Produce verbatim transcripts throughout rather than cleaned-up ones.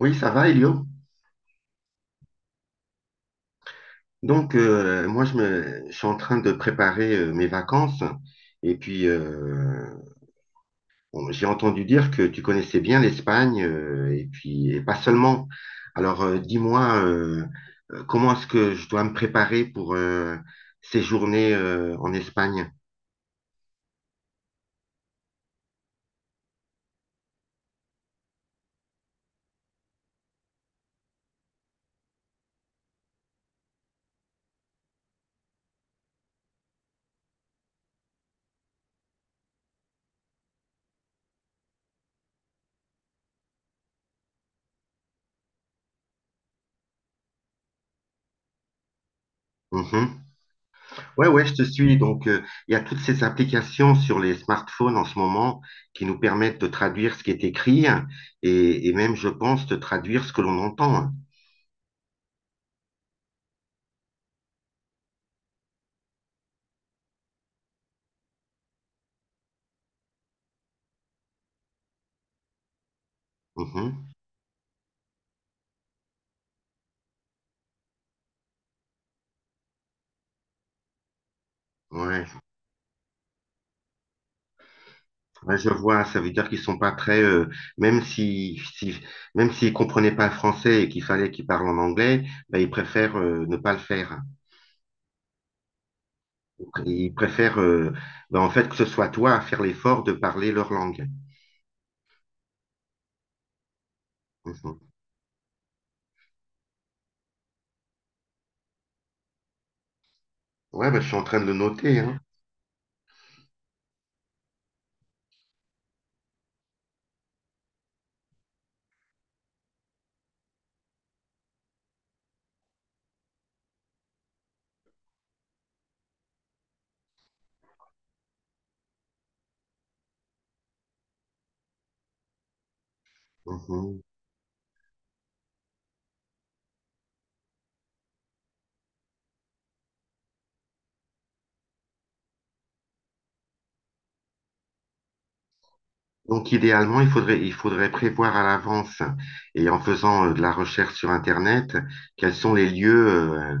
Oui, ça va, Elio. Donc, euh, moi, je, me, je suis en train de préparer euh, mes vacances. Et puis, euh, bon, j'ai entendu dire que tu connaissais bien l'Espagne, euh, et puis, et pas seulement. Alors, euh, dis-moi, euh, euh, comment est-ce que je dois me préparer pour euh, ces journées euh, en Espagne? Mhm. Ouais, ouais, je te suis. Donc, euh, il y a toutes ces applications sur les smartphones en ce moment qui nous permettent de traduire ce qui est écrit et, et même, je pense, de traduire ce que l'on entend. Mhm. Ouais, ouais, je vois, ça veut dire qu'ils sont pas très, euh, même si, si- même s'ils comprenaient pas le français et qu'il fallait qu'ils parlent en anglais, bah, ils préfèrent euh, ne pas le faire. Ils préfèrent, euh, bah, en fait, que ce soit toi à faire l'effort de parler leur langue. Mhm. Ouais, bah, je suis en train de le noter, hein. Mhm. Donc, idéalement, il faudrait, il faudrait prévoir à l'avance et en faisant euh, de la recherche sur Internet, quels sont les lieux euh,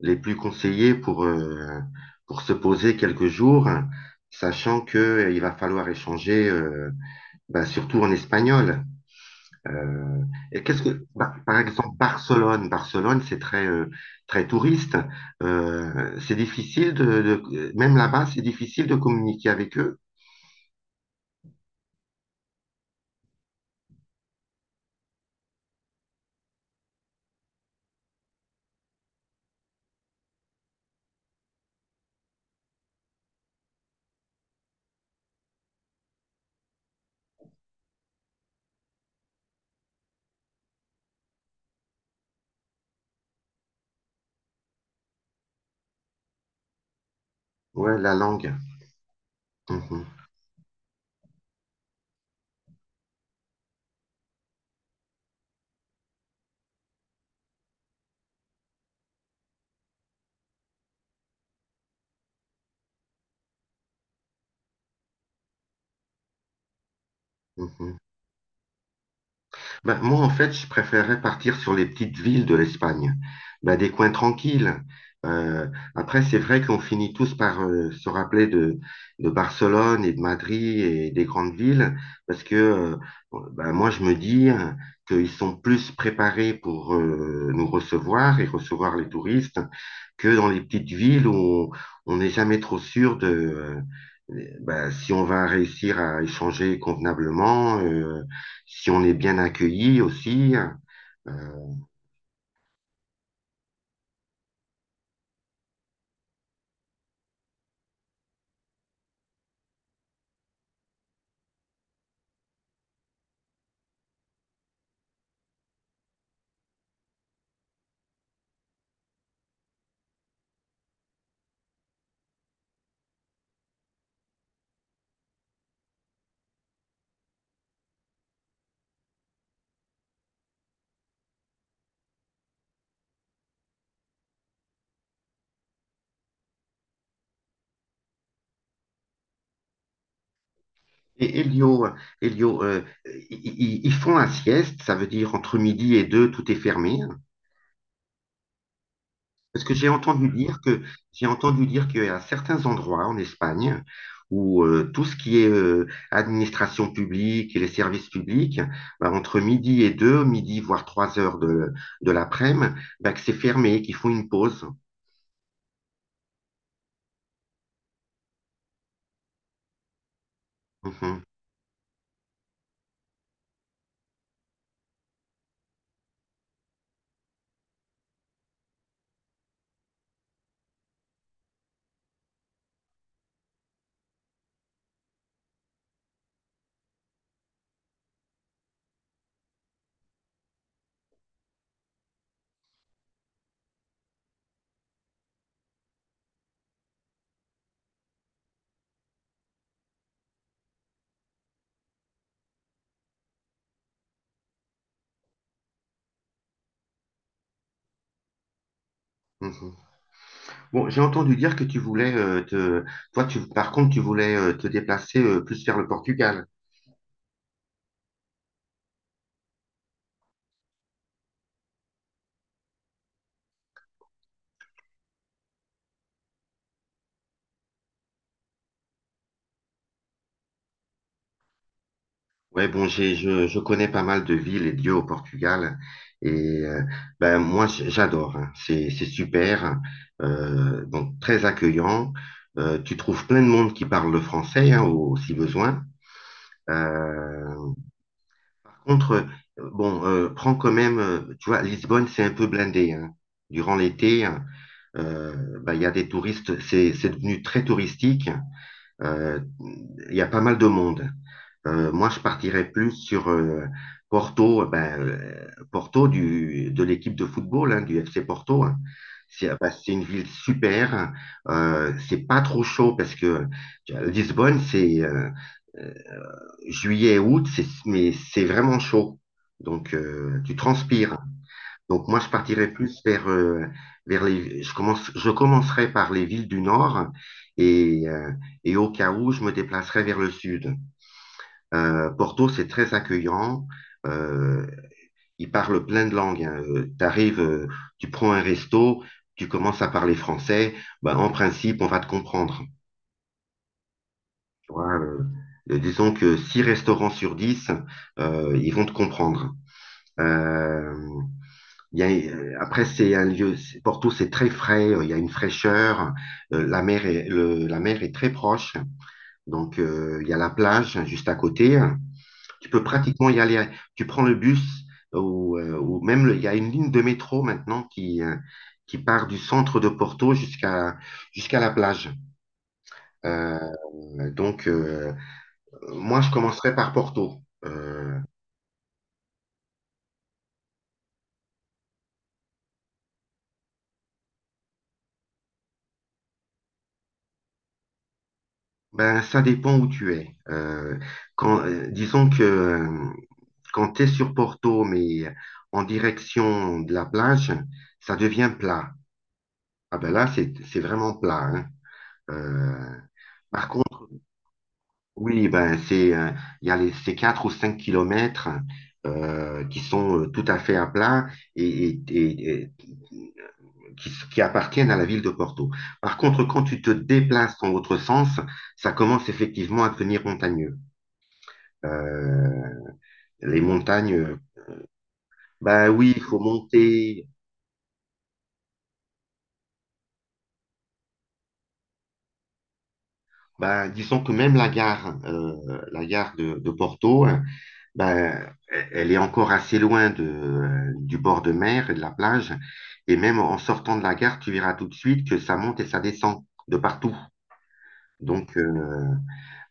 les plus conseillés pour, euh, pour se poser quelques jours, sachant que euh, il va falloir échanger, euh, bah, surtout en espagnol. Euh, et qu'est-ce que, bah, par exemple, Barcelone, Barcelone, c'est très, euh, très touriste. Euh, c'est difficile de, de- même là-bas, c'est difficile de communiquer avec eux. Ouais, la langue. Mhm, mhm. Ben, moi, en fait, je préférais partir sur les petites villes de l'Espagne, ben, des coins tranquilles. Euh, après, c'est vrai qu'on finit tous par euh, se rappeler de, de Barcelone et de Madrid et des grandes villes, parce que euh, ben, moi, je me dis euh, qu'ils sont plus préparés pour euh, nous recevoir et recevoir les touristes que dans les petites villes où on on n'est jamais trop sûr de... euh, ben, si on va réussir à échanger convenablement, euh, si on est bien accueilli aussi. Euh, et Elio, Elio euh, ils, ils font un sieste, ça veut dire entre midi et deux, tout est fermé. Parce que j'ai entendu dire que J'ai entendu dire qu'il y a certains endroits en Espagne où euh, tout ce qui est euh, administration publique et les services publics, bah, entre midi et deux, midi voire trois heures de, de l'après-midi, bah, que c'est fermé, qu'ils font une pause. Mhm, mhm. Bon, j'ai entendu dire que tu voulais euh, te toi tu par contre tu voulais euh, te déplacer euh, plus vers le Portugal. Ouais, bon, j'ai je, je connais pas mal de villes et de lieux au Portugal et euh, ben moi j- j'adore, hein. C'est c'est super, euh, donc très accueillant. Euh, tu trouves plein de monde qui parle le français hein, au- si besoin. Euh, par contre, euh, bon, euh, prends quand même, euh, tu vois, Lisbonne c'est un peu blindé hein. Durant l'été. Hein, euh, bah, il y a des touristes, c'est c'est devenu très touristique. Euh, il y a pas mal de monde. Euh, moi, je partirais plus sur euh, Porto, ben, euh, Porto du, de l'équipe de football, hein, du F C Porto. Hein. C'est bah, c'est une ville super. Euh, c'est pas trop chaud parce que tu vois, Lisbonne, c'est euh, euh, juillet, août, c'est- mais c'est vraiment chaud. Donc, euh, tu transpires. Donc moi, je partirais plus vers, euh, vers les... Je commence, je commencerai par les villes du Nord et, euh, et au cas où, je me déplacerai vers le Sud. Euh, Porto, c'est très accueillant. Euh, ils parlent plein de langues. Hein. Euh, T'arrives, euh, tu prends un resto, tu commences à parler français. Ben, en principe, on va te comprendre. Tu vois, euh, euh, disons que six restaurants sur dix euh, ils vont te comprendre. Euh, Il y a, euh, après, c'est un lieu, Porto, c'est très frais, euh, il y a une fraîcheur, euh, la mer est, le- la mer est très proche, donc euh, il y a la plage hein, juste à côté. Tu peux pratiquement y aller, tu prends le bus euh, ou, euh, ou même le- il y a une ligne de métro maintenant qui, euh, qui part du centre de Porto jusqu'à jusqu'à la plage. Euh, donc, euh, moi, je commencerai par Porto. Euh, ben, ça dépend où tu es. Euh, quand, euh, disons que... euh, Quand tu es sur Porto, mais en direction de la plage, ça devient plat. Ah ben là, c'est, c'est vraiment plat, hein. Euh, oui, ben c'est, euh, il y a les, ces quatre ou cinq kilomètres euh, qui sont euh, tout à fait à plat et, et- et- et qui, qui appartiennent à la ville de Porto. Par contre, quand tu te déplaces dans l'autre sens, ça commence effectivement à devenir montagneux. Euh, les montagnes, ben oui, il faut monter. Ben, disons que même la gare, euh, la gare de, de Porto, hein, ben, elle est encore assez loin de, euh, du bord de mer et de la plage. Et même en sortant de la gare, tu verras tout de suite que ça monte et ça descend de partout. Donc, euh,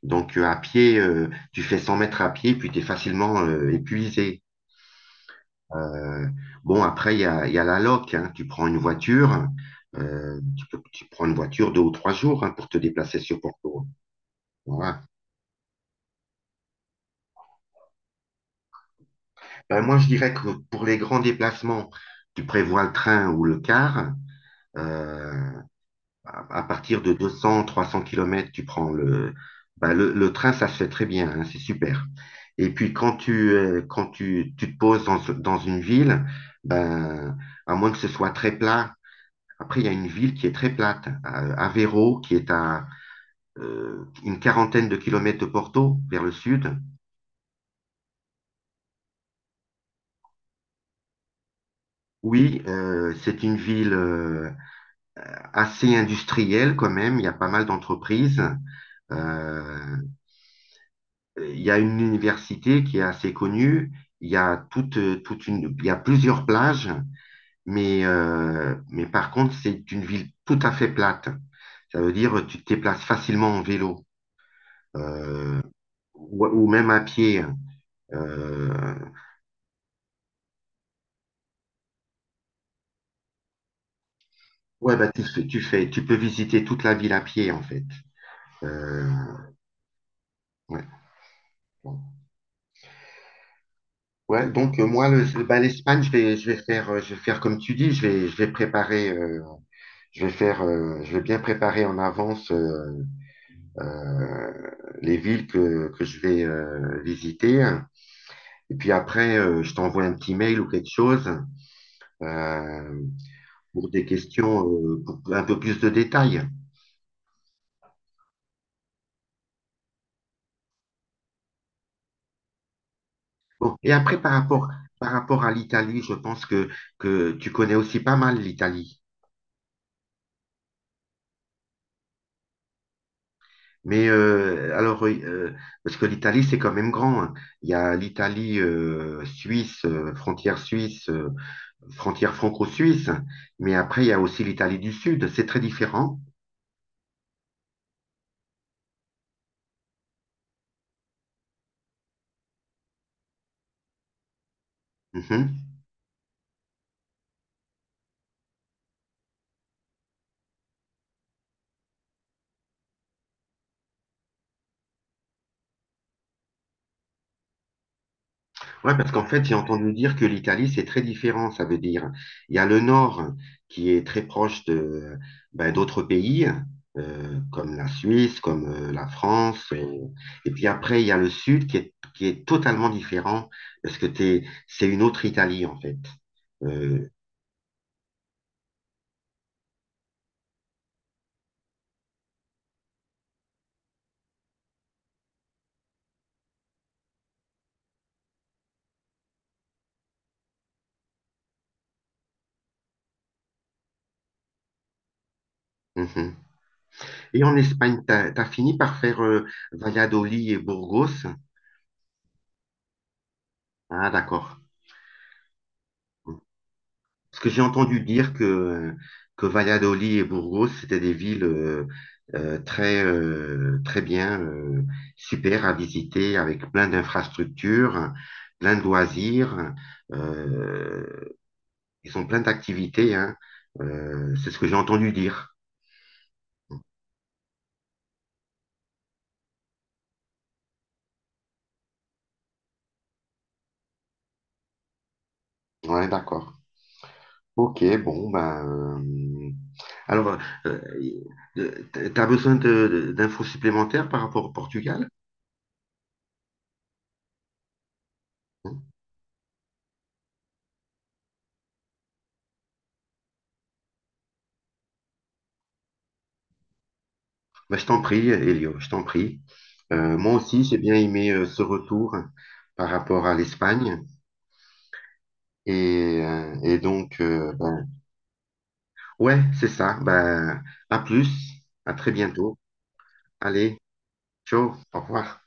donc euh, à pied, euh, tu fais cent mètres à pied, puis tu es facilement euh, épuisé. Euh, bon, après, il y a, il y a la loc, hein. Tu prends une voiture, euh, tu peux, tu prends une voiture deux ou trois jours hein, pour te déplacer sur Porto. Voilà. Ben, moi, je dirais que pour les grands déplacements, tu prévois le train ou le car. Euh, à à partir de deux cents, trois cents kilomètres, tu prends le, ben, le, le train, ça se fait très bien, hein, c'est super. Et puis quand tu, euh, quand tu, tu te poses dans, ce- dans une ville, ben, à moins que ce soit très plat, après, il y a une ville qui est très plate, euh, Aveiro, qui est à euh, une quarantaine de kilomètres de Porto, vers le sud. Oui, euh, c'est une ville euh, assez industriel quand même. Il y a pas mal d'entreprises. Euh, il y a une université qui est assez connue. Il y a toute, toute une, il y a plusieurs plages, mais, euh, mais par contre, c'est une ville tout à fait plate. Ça veut dire tu te déplaces facilement en vélo euh, ou, ou même à pied. Euh, ouais, bah, tu, fais- tu fais, tu peux visiter toute la ville à pied en fait. Euh, ouais. Bon. Ouais, donc euh, moi, le, le- bah, l'Espagne, je vais, je vais faire, euh, je vais faire comme tu dis, je vais, je vais préparer, euh, je vais faire, euh, je vais bien préparer en avance euh, euh, les villes que, que je vais euh, visiter. Et puis après, euh, je t'envoie un petit mail ou quelque chose euh, pour des questions, euh, pour un peu plus de détails. Bon, et après, par rapport, par rapport à l'Italie, je pense que, que tu connais aussi pas mal l'Italie. Mais euh, alors, oui, euh, parce que l'Italie, c'est quand même grand. Hein. Il y a l'Italie euh, suisse, euh, frontière suisse, euh, frontière franco-suisse, mais après, il y a aussi l'Italie du Sud. C'est très différent. Mhm. Ouais, parce qu'en fait, j'ai entendu dire que l'Italie, c'est très différent, ça veut dire. Il y a le nord qui est très proche de, ben, d'autres pays, euh, comme la Suisse, comme euh, la France. Euh, et puis après, il y a le sud qui est, qui est totalement différent, parce que t'es, c'est une autre Italie, en fait. Euh, mhm. Et en Espagne, tu as, fini par faire euh, Valladolid et Burgos. Ah, d'accord. Parce que j'ai entendu dire que, que Valladolid et Burgos, c'était des villes euh, euh, très, euh, très bien, euh, super à visiter, avec plein d'infrastructures, plein de loisirs. Euh, ils ont plein d'activités, hein. Euh, c'est ce que j'ai entendu dire. Ouais, d'accord. Ok, bon, ben. Euh, alors, euh, euh, t'as besoin de- d'infos supplémentaires par rapport au Portugal? Bah, je t'en prie, Elio, je t'en prie. Euh, moi aussi, j'ai bien aimé euh, ce retour par rapport à l'Espagne. Et, euh, et donc, euh, ben, ouais, c'est ça. Ben, à plus, à très bientôt. Allez, ciao, au revoir.